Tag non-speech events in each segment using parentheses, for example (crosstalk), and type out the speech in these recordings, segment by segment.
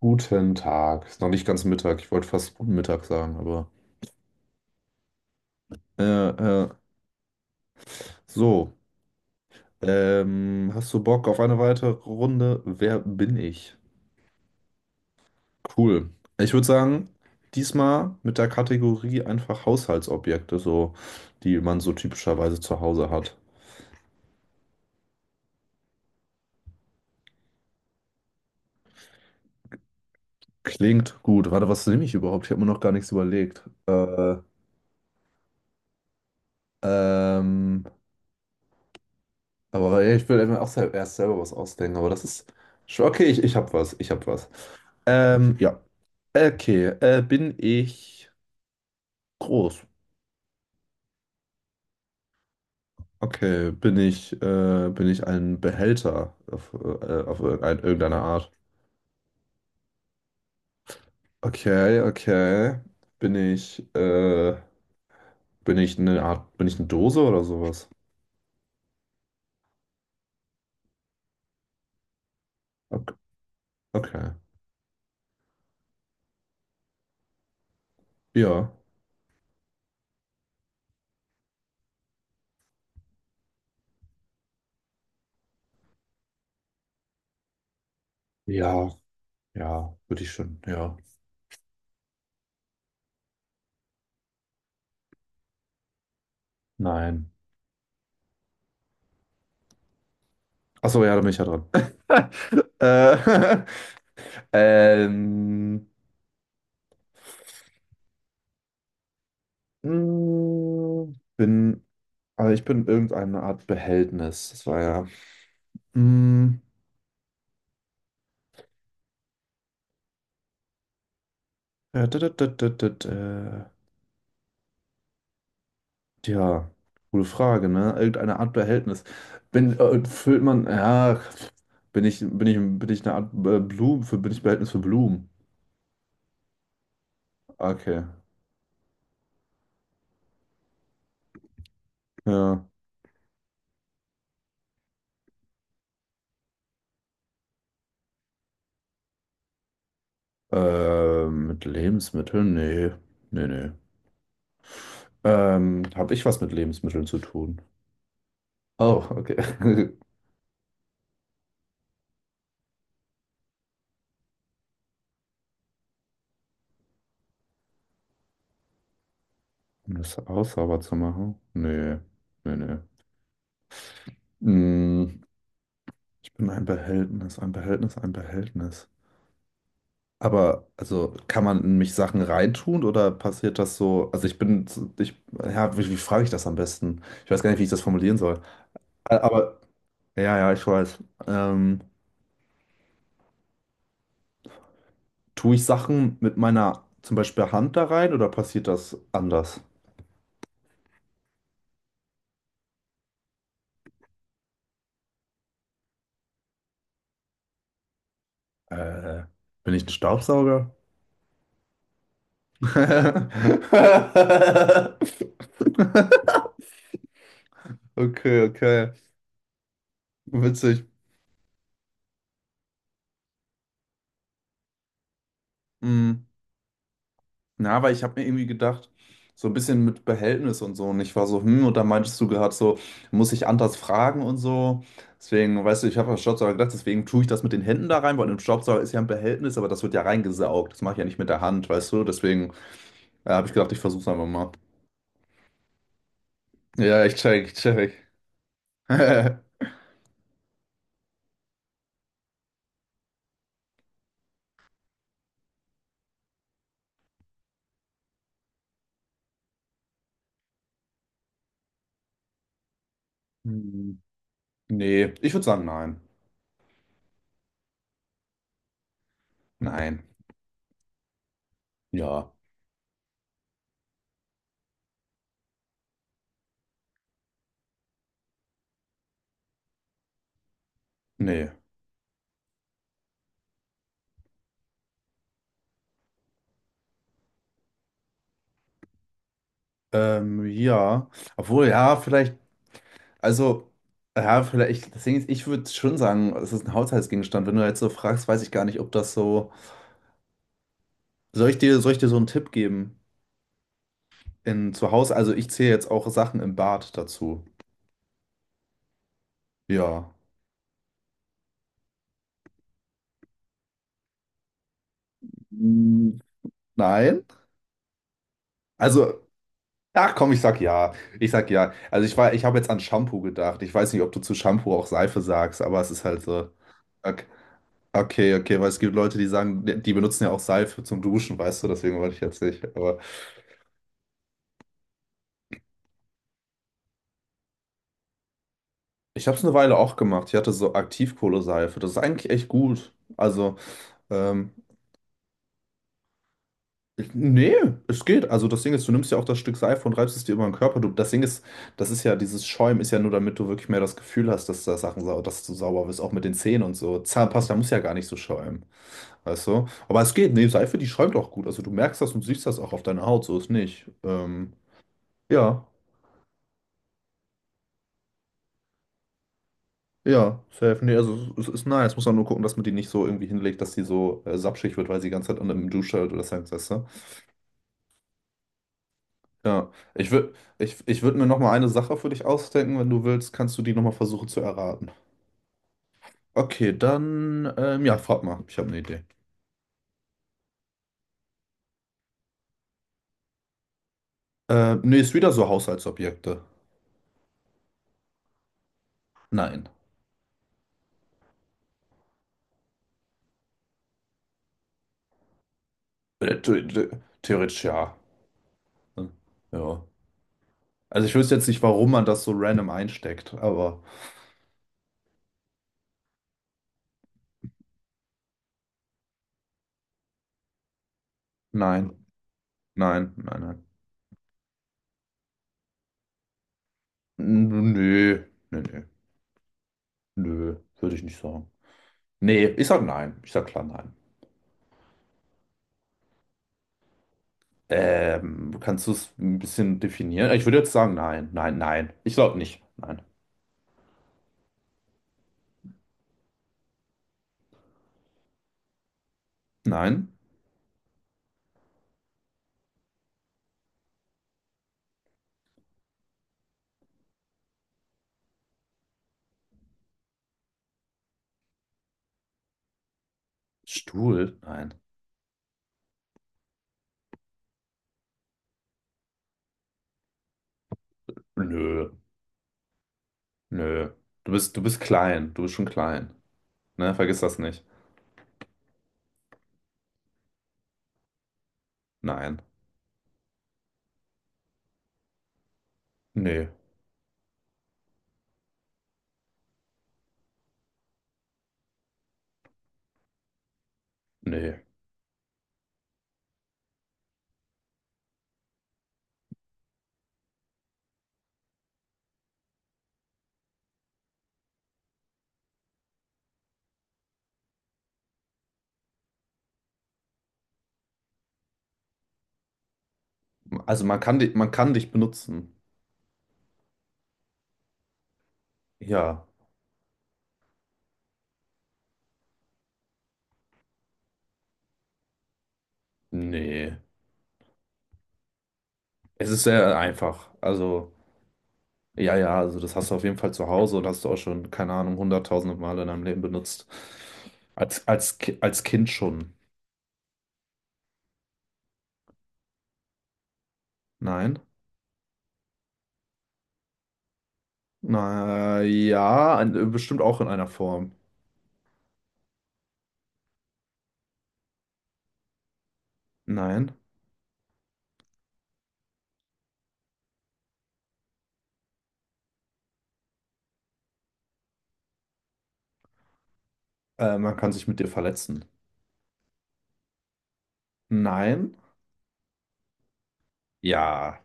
Guten Tag. Ist noch nicht ganz Mittag. Ich wollte fast guten Mittag sagen, aber. Äh, äh, so. Hast du Bock auf eine weitere Runde? Wer bin ich? Cool. Ich würde sagen, diesmal mit der Kategorie einfach Haushaltsobjekte, so, die man so typischerweise zu Hause hat. Klingt gut. Warte, was nehme ich überhaupt? Ich habe mir noch gar nichts überlegt. Ähm. Aber ja, ich will eben auch erst selber was ausdenken, aber das ist schon okay, ich hab was, ich hab was. Ja. Okay, bin ich groß? Okay, bin ich ein Behälter auf irgendeine Art? Okay, okay. Bin ich, äh, bin ich eine Art, bin ich eine Dose oder sowas? Okay. Okay. Ja. Ja, ja, würde ich schon, ja. Nein. Achso, ja, da bin ich ja dran. (laughs) äh, (laughs) Ähm, mh, bin, also ich bin irgendeine Art Behältnis. Das war ja. Mh, ja da. Tja, gute Frage, ne? Irgendeine Art Behältnis. Füllt man, ja, bin ich eine Art Blumen, für, bin ich Behältnis für Blumen? Okay. Ja. Mit Lebensmitteln? Nee. Nee, nee. Habe ich was mit Lebensmitteln zu tun? Oh, okay. (laughs) Um das Haus sauber zu machen? Nee, nee. Mm, ich bin ein Behältnis, ein Behältnis. Aber, also, kann man in mich Sachen reintun oder passiert das so? Also, ich bin, zu- ich, ja, wie frage ich das am besten? Ich weiß gar nicht, wie ich das formulieren soll. Aber, ja, ich weiß. Ähm, tue ich Sachen mit meiner, zum Beispiel Hand da rein oder passiert das anders? Äh, bin ich ein Staubsauger? (laughs) Okay, okay. Witzig. Mhm. Na, aber ich habe mir irgendwie gedacht, so ein bisschen mit Behältnis und so. Und ich war so, hm, und da meintest du gerade so, muss ich anders fragen und so. Deswegen, weißt du, ich habe an Staubsauger gedacht, deswegen tue ich das mit den Händen da rein, weil im Staubsauger ist ja ein Behältnis, aber das wird ja reingesaugt. Das mache ich ja nicht mit der Hand, weißt du? Deswegen habe ich gedacht, ich versuche es einfach mal. Ja, ich check. (laughs) Hm, nee, ich würde sagen, nein. Nein. Ja. Nee. Ja. Obwohl, ja, vielleicht. Also, ja, vielleicht, das Ding ist, ich würde schon sagen, es ist ein Haushaltsgegenstand. Wenn du jetzt so fragst, weiß ich gar nicht, ob das so. Soll ich dir so einen Tipp geben? In, zu Hause, also ich zähle jetzt auch Sachen im Bad dazu. Ja. Hm, nein? Also, ach komm, ich sag ja. Ich sag ja. Ich habe jetzt an Shampoo gedacht. Ich weiß nicht, ob du zu Shampoo auch Seife sagst, aber es ist halt so. Okay, okay, weil es gibt Leute, die sagen, die benutzen ja auch Seife zum Duschen, weißt du, deswegen wollte ich jetzt nicht. Ich habe es eine Weile auch gemacht. Ich hatte so Aktivkohleseife. Das ist eigentlich echt gut. Also, ähm, nee, es geht. Also das Ding ist, du nimmst ja auch das Stück Seife und reibst es dir über den Körper. Du, das Ding ist, das ist ja, dieses Schäumen ist ja nur, damit du wirklich mehr das Gefühl hast, dass da Sachen sau, dass du sauber bist, auch mit den Zähnen und so. Zahnpasta muss ja gar nicht so schäumen. Weißt du? Aber es geht. Nee, Seife, die schäumt auch gut. Also du merkst das und siehst das auch auf deiner Haut, so ist nicht. Ja. Ja, safe. Nee, also es ist nice. Muss man nur gucken, dass man die nicht so irgendwie hinlegt, dass die so sapschig wird, weil sie die ganze Zeit unter dem Dusch hält oder Sex ist. Ne? Ja. Ich würd mir nochmal eine Sache für dich ausdenken. Wenn du willst, kannst du die nochmal versuchen zu erraten. Okay, dann, ja, frag mal. Ich habe eine Idee. Nee, ist wieder so Haushaltsobjekte. Nein. Äh, the- the- Theoretisch ja. Hm, ja. Also ich wüsste jetzt nicht, warum man das so random einsteckt, aber nein, nein. Nö, nö. Nö, würde ich nicht sagen. Nee, ich sag nein. Ich sag klar nein. Kannst du es ein bisschen definieren? Ich würde jetzt sagen nein, nein. Ich glaube nicht. Nein. Nein? Stuhl? Nein. Nö, nö. Du bist klein. Du bist schon klein. Ne, vergiss das nicht. Nein. Nee, nee. Also man kann dich benutzen. Ja. Nee. Es ist sehr einfach. Also. Ja, ja, also das hast du auf jeden Fall zu Hause und hast du auch schon, keine Ahnung, hunderttausende Male in deinem Leben benutzt. Als Kind schon. Nein. Na ja, bestimmt auch in einer Form. Nein. Man kann sich mit dir verletzen. Nein. Ja,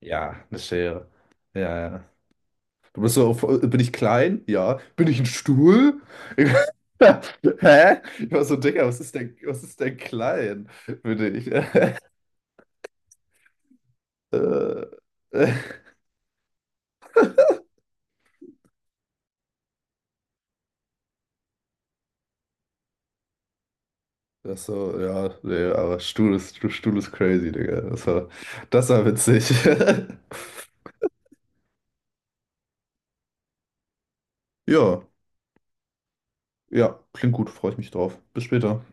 ja, eine Schere. Ja, ja. Du bist so, auf- bin ich klein? Ja. Bin ich ein Stuhl? (laughs) Hä? Ich war so, Digga, was ist denn klein? Bin ich. (laughs) Äh, (laughs) Ach so, ja, nee, aber Stuhl ist crazy, Digga. Das war witzig. (laughs) Ja, ja, klingt gut, freue ich mich drauf. Bis später.